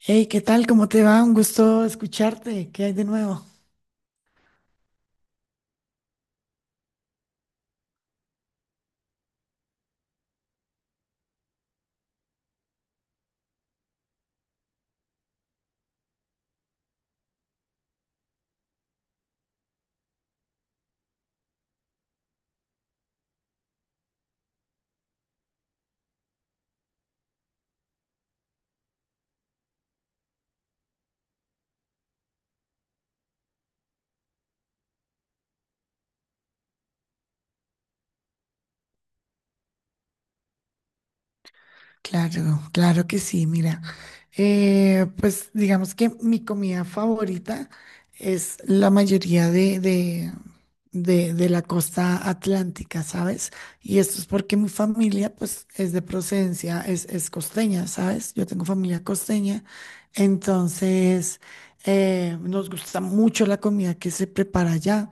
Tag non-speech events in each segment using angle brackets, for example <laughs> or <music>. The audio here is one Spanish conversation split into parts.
Hey, ¿qué tal? ¿Cómo te va? Un gusto escucharte. ¿Qué hay de nuevo? Claro, claro que sí, mira. Pues digamos que mi comida favorita es la mayoría de la costa atlántica, ¿sabes? Y esto es porque mi familia pues es de procedencia, es costeña, ¿sabes? Yo tengo familia costeña. Entonces nos gusta mucho la comida que se prepara allá.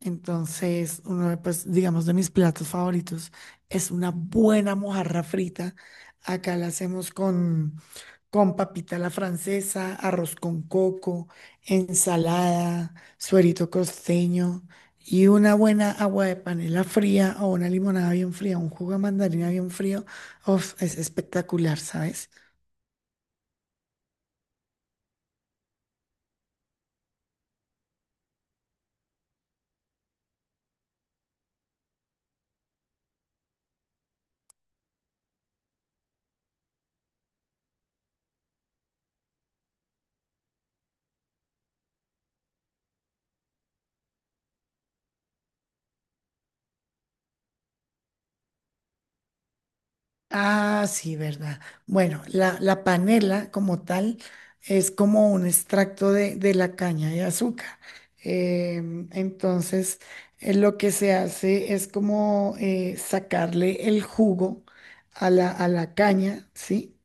Entonces, uno de, pues, digamos, de mis platos favoritos es una buena mojarra frita. Acá la hacemos con papita a la francesa, arroz con coco, ensalada, suerito costeño y una buena agua de panela fría o una limonada bien fría, un jugo de mandarina bien frío. Uf, es espectacular, ¿sabes? Ah, sí, verdad. Bueno, la panela como tal es como un extracto de la caña de azúcar. Entonces, lo que se hace es como sacarle el jugo a la caña, ¿sí?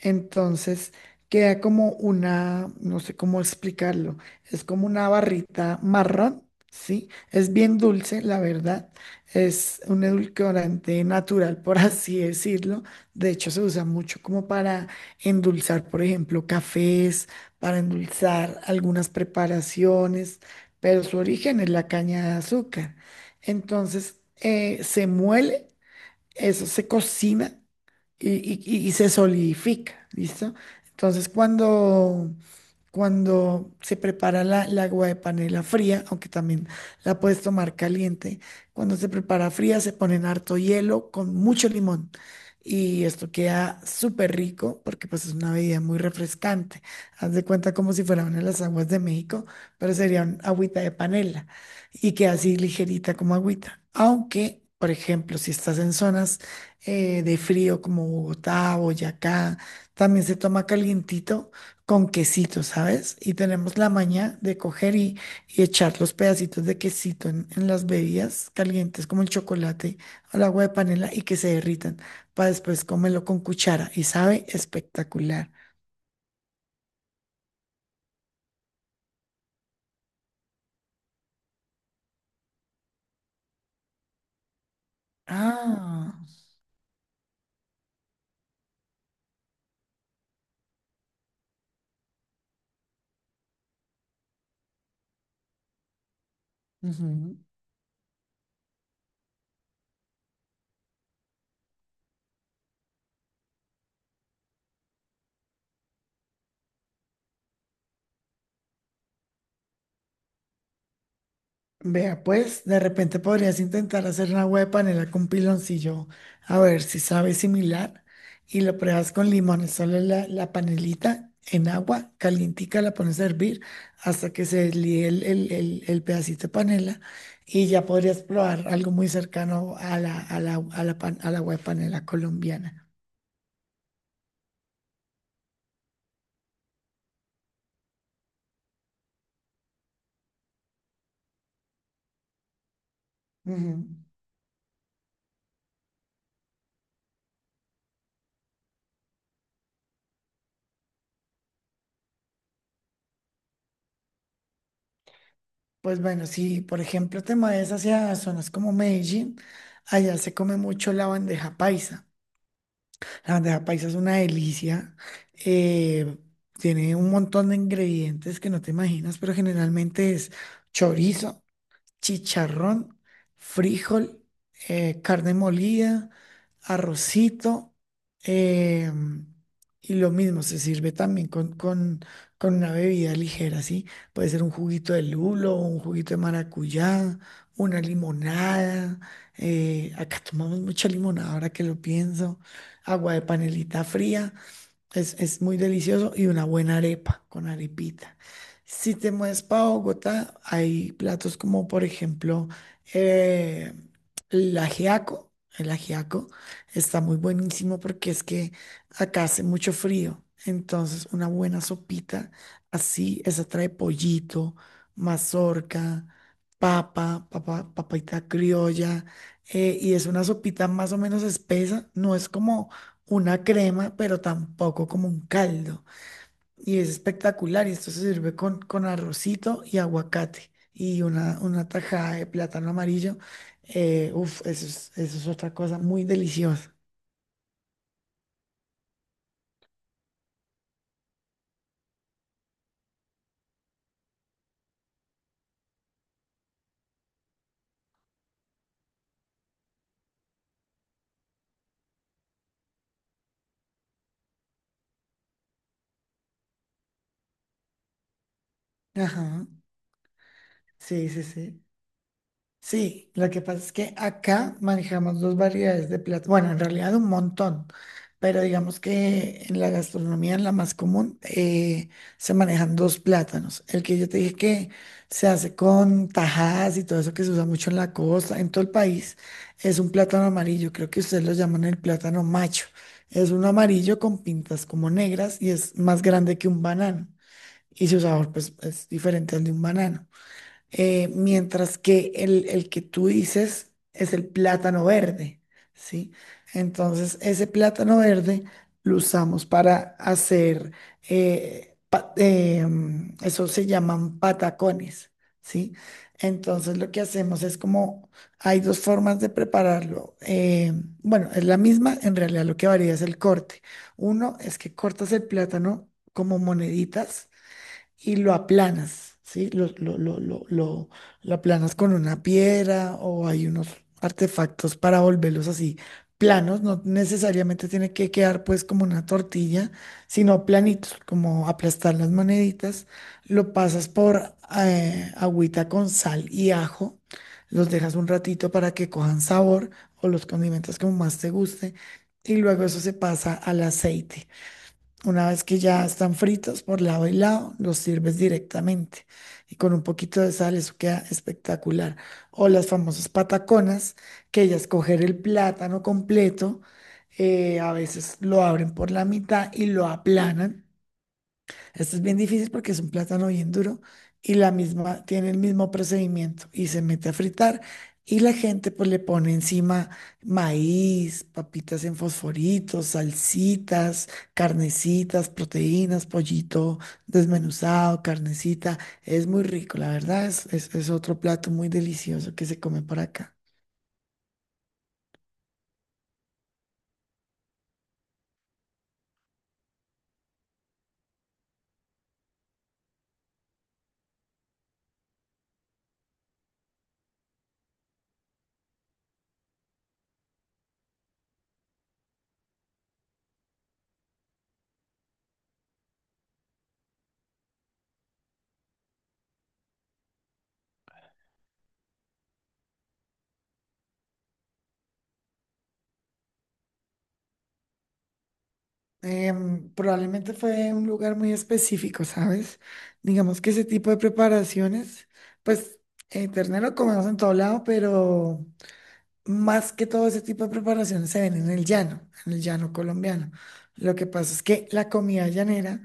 Entonces queda como una, no sé cómo explicarlo, es como una barrita marrón, ¿sí? Es bien dulce, la verdad. Es un edulcorante natural, por <laughs> así decirlo. De hecho, se usa mucho como para endulzar, por ejemplo, cafés, para endulzar algunas preparaciones, pero su origen es la caña de azúcar. Entonces, se muele, eso se cocina y, y se solidifica, ¿listo? Entonces, cuando, cuando se prepara la, el agua de panela fría, aunque también la puedes tomar caliente, cuando se prepara fría se ponen harto hielo con mucho limón. Y esto queda súper rico porque pues es una bebida muy refrescante. Haz de cuenta como si fuera una de las aguas de México, pero sería un agüita de panela y queda así ligerita como agüita. Aunque, por ejemplo, si estás en zonas de frío como Bogotá, Boyacá, también se toma calientito con quesito, ¿sabes? Y tenemos la maña de coger y echar los pedacitos de quesito en las bebidas calientes como el chocolate al agua de panela y que se derritan para después comerlo con cuchara y sabe espectacular. Ah. Vea, pues, de repente podrías intentar hacer una huepa de panela con piloncillo, a ver si sabe similar, y lo pruebas con limón, solo la, la panelita en agua calientica, la pones a hervir hasta que se deslíe el, el pedacito de panela, y ya podrías probar algo muy cercano a la, a la, a la, pan- a la huepa de panela colombiana. Ujú. Pues bueno, si por ejemplo te mueves hacia zonas como Medellín, allá se come mucho la bandeja paisa. La bandeja paisa es una delicia. eh, Tiene un montón de ingredientes que no te imaginas, pero generalmente es chorizo, chicharrón, frijol, carne molida, arrocito. eh, y lo mismo se sirve también con, con una bebida ligera, ¿sí? Puede ser un juguito de lulo, un juguito de maracuyá, una limonada. Acá tomamos mucha limonada ahora que lo pienso. Agua de panelita fría. Es muy delicioso y una buena arepa con arepita. Si te mueves para Bogotá, hay platos como, por ejemplo, eh, el ajiaco. El ajiaco está muy buenísimo porque es que acá hace mucho frío. Entonces, una buena sopita así, esa trae pollito, mazorca, papa, papa, papita criolla. Y es una sopita más o menos espesa. No es como una crema, pero tampoco como un caldo. Y es espectacular. Y esto se sirve con arrocito y aguacate y una tajada de plátano amarillo. Uf, eso es otra cosa muy deliciosa. Ajá. Sí, sí, sí. Sí, lo que pasa es que acá manejamos dos variedades de platos, bueno, en realidad un montón, pero digamos que en la gastronomía, en la más común, se manejan dos plátanos. El que yo te dije que se hace con tajadas y todo eso que se usa mucho en la costa, en todo el país, es un plátano amarillo, creo que ustedes lo llaman el plátano macho. Es un amarillo con pintas como negras y es más grande que un banano y su sabor pues es diferente al de un banano. Mientras que el que tú dices es el plátano verde, ¿sí? Entonces, ese plátano verde lo usamos para hacer, eso se llaman patacones, ¿sí? Entonces, lo que hacemos es como, hay dos formas de prepararlo. Bueno, es la misma, en realidad lo que varía es el corte. Uno es que cortas el plátano como moneditas y lo aplanas, ¿sí? Lo aplanas con una piedra o hay unos artefactos para volverlos así planos, no necesariamente tiene que quedar pues como una tortilla, sino planitos, como aplastar las moneditas, lo pasas por agüita con sal y ajo, los dejas un ratito para que cojan sabor o los condimentos como más te guste y luego eso se pasa al aceite. Una vez que ya están fritos por lado y lado, los sirves directamente y con un poquito de sal, eso queda espectacular. O las famosas pataconas, que ya es coger el plátano completo, a veces lo abren por la mitad y lo aplanan. Esto es bien difícil porque es un plátano bien duro y la misma, tiene el mismo procedimiento y se mete a fritar y la gente pues le pone encima maíz, papitas en fosforitos, salsitas, carnecitas, proteínas, pollito desmenuzado, carnecita. Es muy rico, la verdad, es es otro plato muy delicioso que se come por acá. Probablemente fue un lugar muy específico, ¿sabes? Digamos que ese tipo de preparaciones, pues ternero comemos en todo lado, pero más que todo ese tipo de preparaciones se ven en el llano colombiano. Lo que pasa es que la comida llanera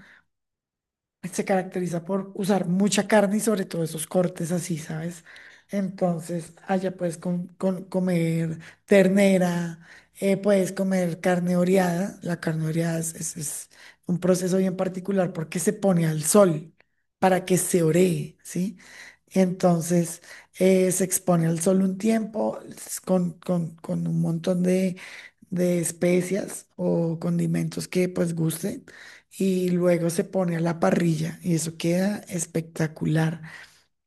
se caracteriza por usar mucha carne y sobre todo esos cortes así, ¿sabes? Entonces, allá puedes comer ternera, puedes comer carne oreada. La carne oreada es un proceso bien particular porque se pone al sol para que se oree, ¿sí? Entonces, se expone al sol un tiempo con, con un montón de especias o condimentos que pues guste y luego se pone a la parrilla y eso queda espectacular.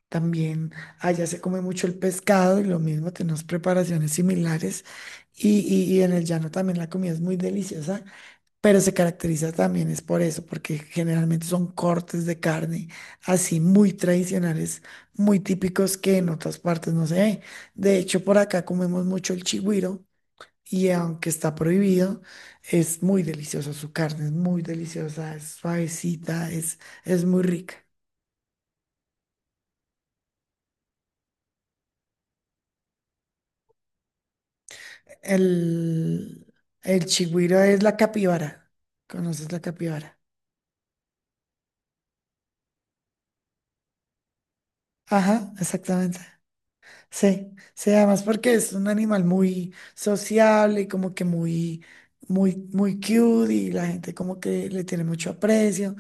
También allá se come mucho el pescado y lo mismo, tenemos preparaciones similares y, y en el llano también la comida es muy deliciosa, pero se caracteriza también es por eso, porque generalmente son cortes de carne así muy tradicionales, muy típicos que en otras partes no se ve. De hecho, por acá comemos mucho el chigüiro y aunque está prohibido, es muy deliciosa su carne, es muy deliciosa, es suavecita, es muy rica. El, el chigüiro es la capibara. ¿Conoces la capibara? Ajá, exactamente. Sí, sí, además porque es un animal muy sociable y como que muy, muy, muy cute y la gente como que le tiene mucho aprecio.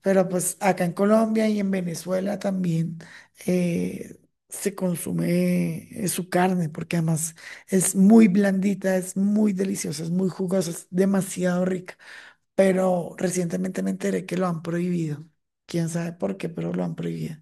Pero pues acá en Colombia y en Venezuela también eh, se consume su carne, porque además es muy blandita, es muy deliciosa, es muy jugosa, es demasiado rica. Pero recientemente me enteré que lo han prohibido. Quién sabe por qué, pero lo han prohibido.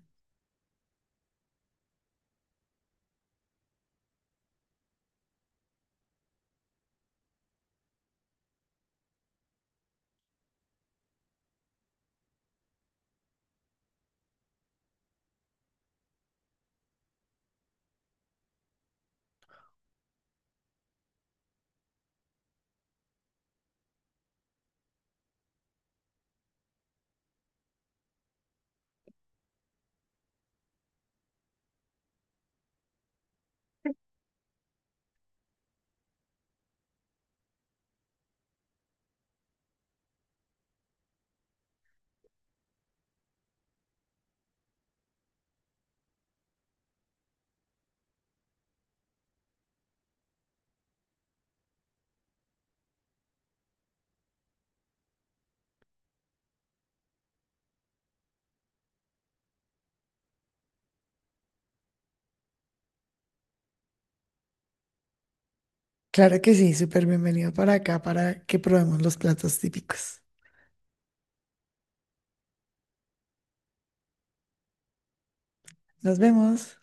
Claro que sí, súper bienvenido para acá para que probemos los platos típicos. Nos vemos.